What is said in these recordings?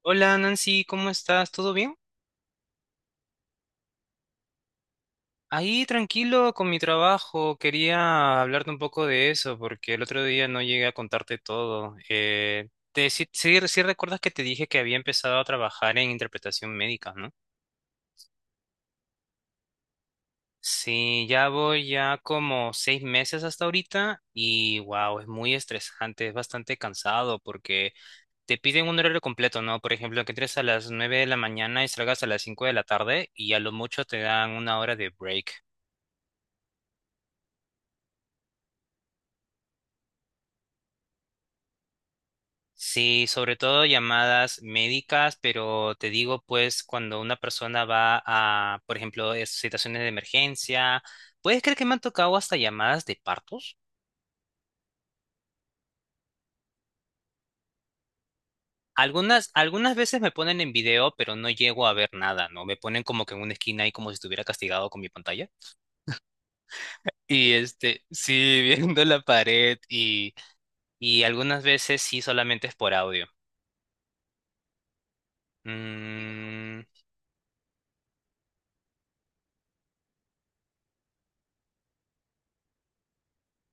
Hola Nancy, ¿cómo estás? ¿Todo bien? Ahí tranquilo con mi trabajo. Quería hablarte un poco de eso porque el otro día no llegué a contarte todo. Sí recuerdas que te dije que había empezado a trabajar en interpretación médica, ¿no? Sí, ya voy ya como 6 meses hasta ahorita y wow, es muy estresante, es bastante cansado porque te piden un horario completo, ¿no? Por ejemplo, que entres a las 9 de la mañana y salgas a las 5 de la tarde y a lo mucho te dan 1 hora de break. Sí, sobre todo llamadas médicas, pero te digo, pues, cuando una persona va a, por ejemplo, situaciones de emergencia, ¿puedes creer que me han tocado hasta llamadas de partos? Algunas veces me ponen en video, pero no llego a ver nada, ¿no? Me ponen como que en una esquina y como si estuviera castigado con mi pantalla. Y este, sí, viendo la pared y algunas veces sí solamente es por audio. Mm,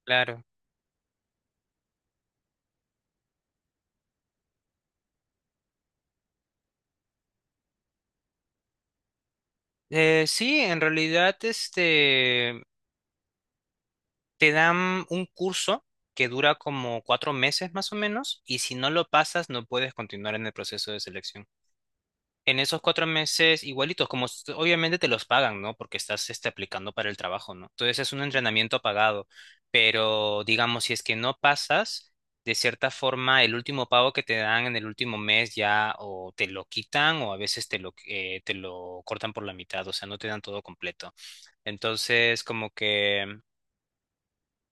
claro. Sí, en realidad, este. Te dan un curso que dura como 4 meses más o menos, y si no lo pasas, no puedes continuar en el proceso de selección. En esos 4 meses, igualitos, como obviamente te los pagan, ¿no? Porque estás este, aplicando para el trabajo, ¿no? Entonces es un entrenamiento pagado, pero digamos, si es que no pasas, de cierta forma, el último pago que te dan en el último mes ya o te lo quitan o a veces te lo cortan por la mitad, o sea, no te dan todo completo. Entonces, como que.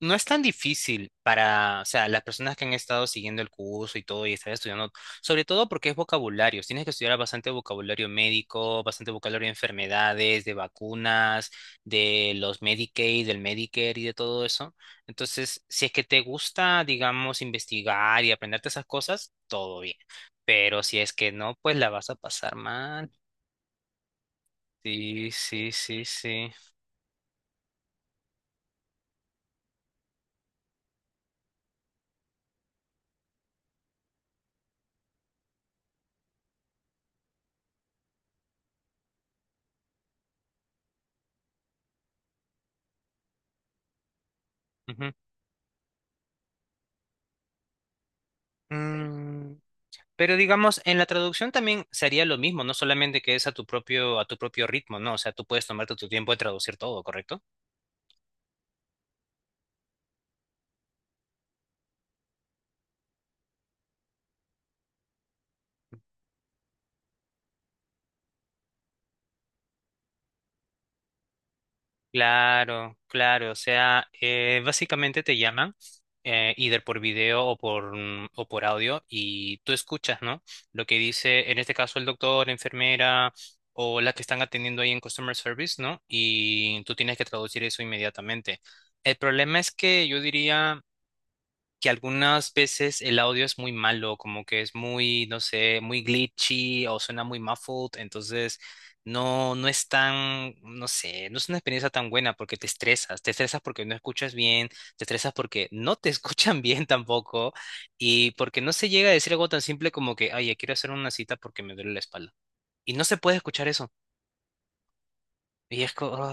No es tan difícil para, o sea, las personas que han estado siguiendo el curso y todo y están estudiando, sobre todo porque es vocabulario. Tienes que estudiar bastante vocabulario médico, bastante vocabulario de enfermedades, de vacunas, de los Medicaid, del Medicare y de todo eso. Entonces, si es que te gusta, digamos, investigar y aprenderte esas cosas, todo bien. Pero si es que no, pues la vas a pasar mal. Sí, sí, sí, sí. Ujú. Mm, Pero digamos, en la traducción también sería lo mismo, no solamente que es a tu propio ritmo, ¿no? O sea, tú puedes tomarte tu tiempo de traducir todo, ¿correcto? Claro, claro, o sea, básicamente te llaman, either por video o o por audio, y tú escuchas, ¿no? Lo que dice, en este caso, el doctor, la enfermera o la que están atendiendo ahí en Customer Service, ¿no? Y tú tienes que traducir eso inmediatamente. El problema es que yo diría que algunas veces el audio es muy malo, como que es muy, no sé, muy glitchy o suena muy muffled, entonces no, no es tan, no sé, no es una experiencia tan buena porque te estresas porque no escuchas bien, te estresas porque no te escuchan bien tampoco y porque no se llega a decir algo tan simple como que, ay, ya quiero hacer una cita porque me duele la espalda. Y no se puede escuchar eso. Y es como...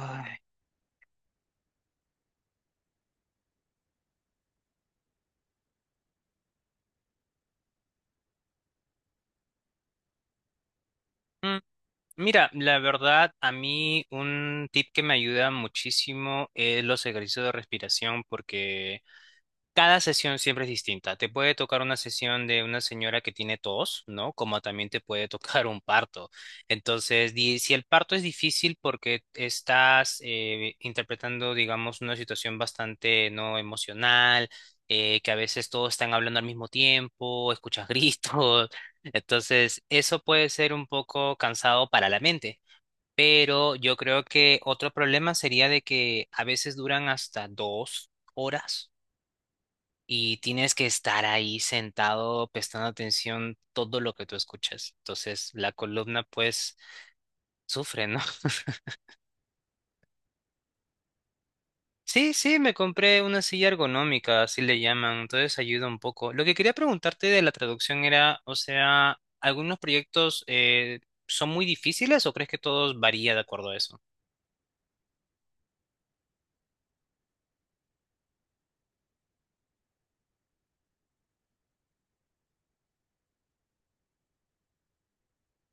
Ay. Mira, la verdad, a mí un tip que me ayuda muchísimo es los ejercicios de respiración, porque cada sesión siempre es distinta. Te puede tocar una sesión de una señora que tiene tos, ¿no? Como también te puede tocar un parto. Entonces, si el parto es difícil porque estás interpretando, digamos, una situación bastante no emocional, que a veces todos están hablando al mismo tiempo, escuchas gritos. Entonces, eso puede ser un poco cansado para la mente. Pero yo creo que otro problema sería de que a veces duran hasta 2 horas y tienes que estar ahí sentado prestando atención todo lo que tú escuchas. Entonces la columna pues sufre, ¿no? Sí, sí, me compré una silla ergonómica, así le llaman, entonces ayuda un poco. Lo que quería preguntarte de la traducción era, o sea, ¿algunos proyectos son muy difíciles o crees que todos varía de acuerdo a eso?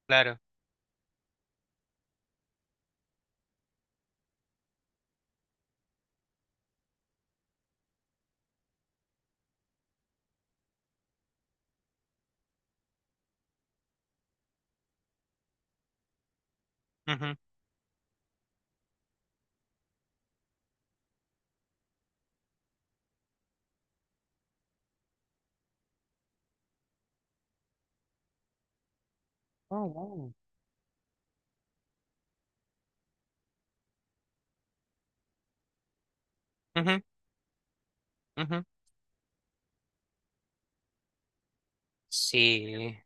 Claro. Ujú. Oh, wow. Ujú, ujú. Sí.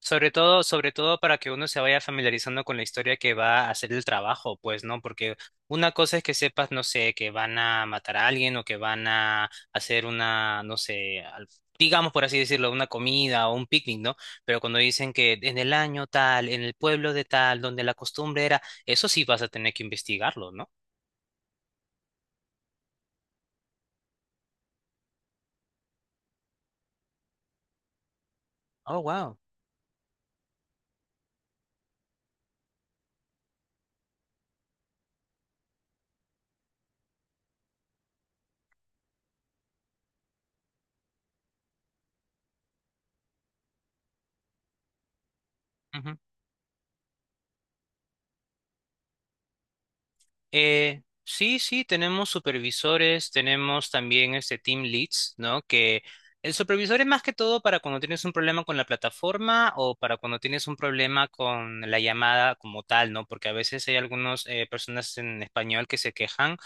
Sobre todo para que uno se vaya familiarizando con la historia que va a hacer el trabajo, pues, ¿no? Porque una cosa es que sepas, no sé, que van a matar a alguien o que van a hacer una, no sé, al- digamos por así decirlo, una comida o un picnic, ¿no? Pero cuando dicen que en el año tal, en el pueblo de tal, donde la costumbre era, eso sí vas a tener que investigarlo, ¿no? Oh, wow. Sí, sí, tenemos supervisores, tenemos también este team leads, ¿no? Que el supervisor es más que todo para cuando tienes un problema con la plataforma o para cuando tienes un problema con la llamada como tal, ¿no? Porque a veces hay algunas personas en español que se quejan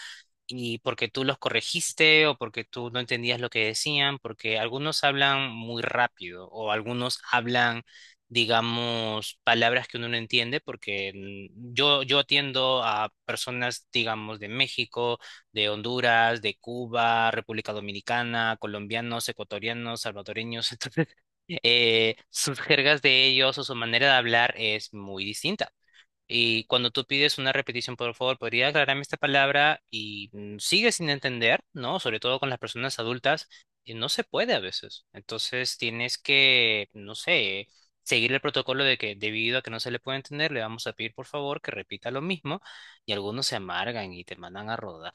y porque tú los corregiste o porque tú no entendías lo que decían, porque algunos hablan muy rápido o algunos hablan, digamos, palabras que uno no entiende, porque yo atiendo a personas, digamos, de México, de Honduras, de Cuba, República Dominicana, colombianos, ecuatorianos, salvadoreños, entonces... sus jergas de ellos o su manera de hablar es muy distinta. Y cuando tú pides una repetición, por favor, ¿podría aclararme esta palabra? Y sigue sin entender, ¿no? Sobre todo con las personas adultas, y no se puede a veces. Entonces tienes que, no sé, seguir el protocolo de que debido a que no se le puede entender, le vamos a pedir, por favor, que repita lo mismo. Y algunos se amargan y te mandan a rodar.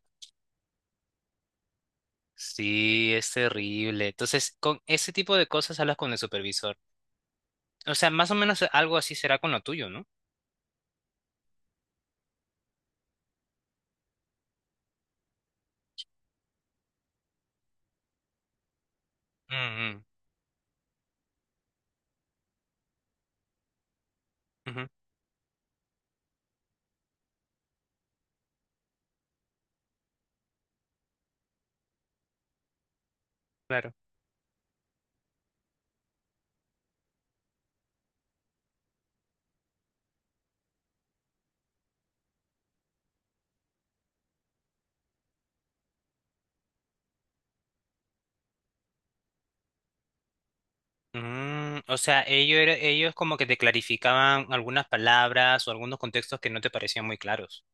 Sí, es terrible. Entonces, con ese tipo de cosas hablas con el supervisor. O sea, más o menos algo así será con lo tuyo, ¿no? Mm, mm, ujú, claro. Mm, o sea, ellos como que te clarificaban algunas palabras o algunos contextos que no te parecían muy claros.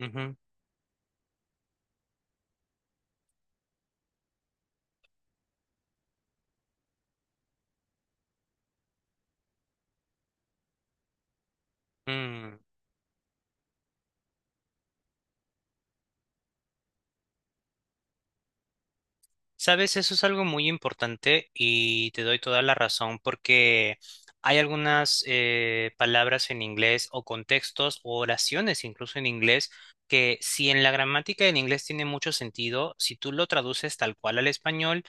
Ujú. Mm. Sabes, eso es algo muy importante y te doy toda la razón porque hay algunas palabras en inglés o contextos o oraciones incluso en inglés que si en la gramática del inglés tiene mucho sentido, si tú lo traduces tal cual al español,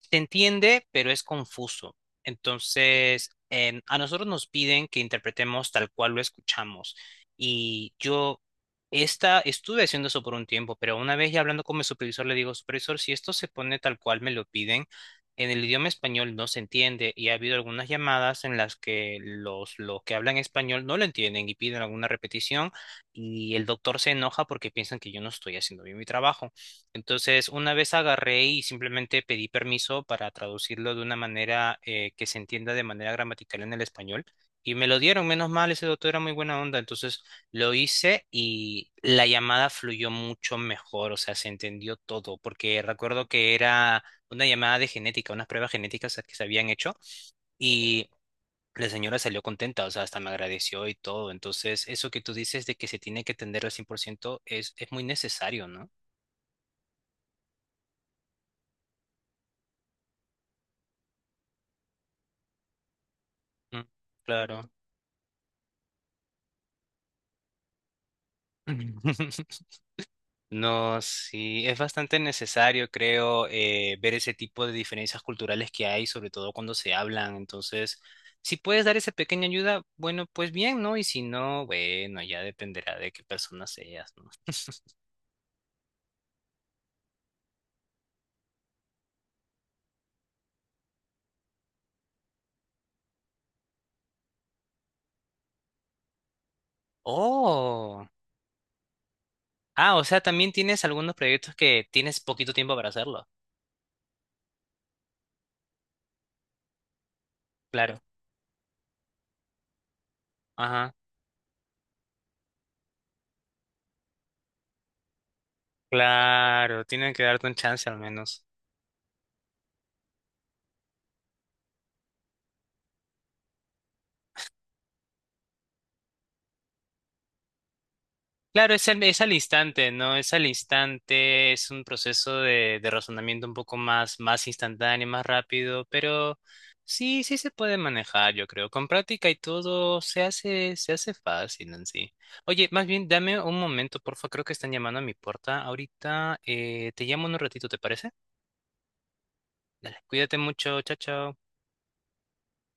se entiende, pero es confuso. Entonces, en- a nosotros nos piden que interpretemos tal cual lo escuchamos. Y yo estuve haciendo eso por un tiempo, pero una vez ya hablando con mi supervisor le digo, supervisor, si esto se pone tal cual me lo piden, en el idioma español no se entiende y ha habido algunas llamadas en las que los que hablan español no lo entienden y piden alguna repetición y el doctor se enoja porque piensan que yo no estoy haciendo bien mi trabajo. Entonces, una vez agarré y simplemente pedí permiso para traducirlo de una manera que se entienda de manera gramatical en el español. Y me lo dieron, menos mal, ese doctor era muy buena onda, entonces lo hice y la llamada fluyó mucho mejor, o sea, se entendió todo, porque recuerdo que era una llamada de genética, unas pruebas genéticas que se habían hecho y la señora salió contenta, o sea, hasta me agradeció y todo. Entonces, eso que tú dices de que se tiene que atender al 100% es muy necesario, ¿no? Mm, claro. No, sí, es bastante necesario, creo, ver ese tipo de diferencias culturales que hay, sobre todo cuando se hablan. Entonces, si puedes dar esa pequeña ayuda, bueno, pues bien, ¿no? Y si no, bueno, ya dependerá de qué persona seas, ¿no? Oh, ah, o sea, también tienes algunos proyectos que tienes poquito tiempo para hacerlo. Claro, ajá, claro, tienen que darte un chance al menos. Claro, es al instante, ¿no? Es al instante, es un proceso de razonamiento un poco más instantáneo, más rápido, pero sí, sí se puede manejar, yo creo. Con práctica y todo se hace fácil en sí. Oye, más bien, dame un momento, porfa, creo que están llamando a mi puerta ahorita. Te llamo en un ratito, ¿te parece? Dale, cuídate mucho, chao, chao.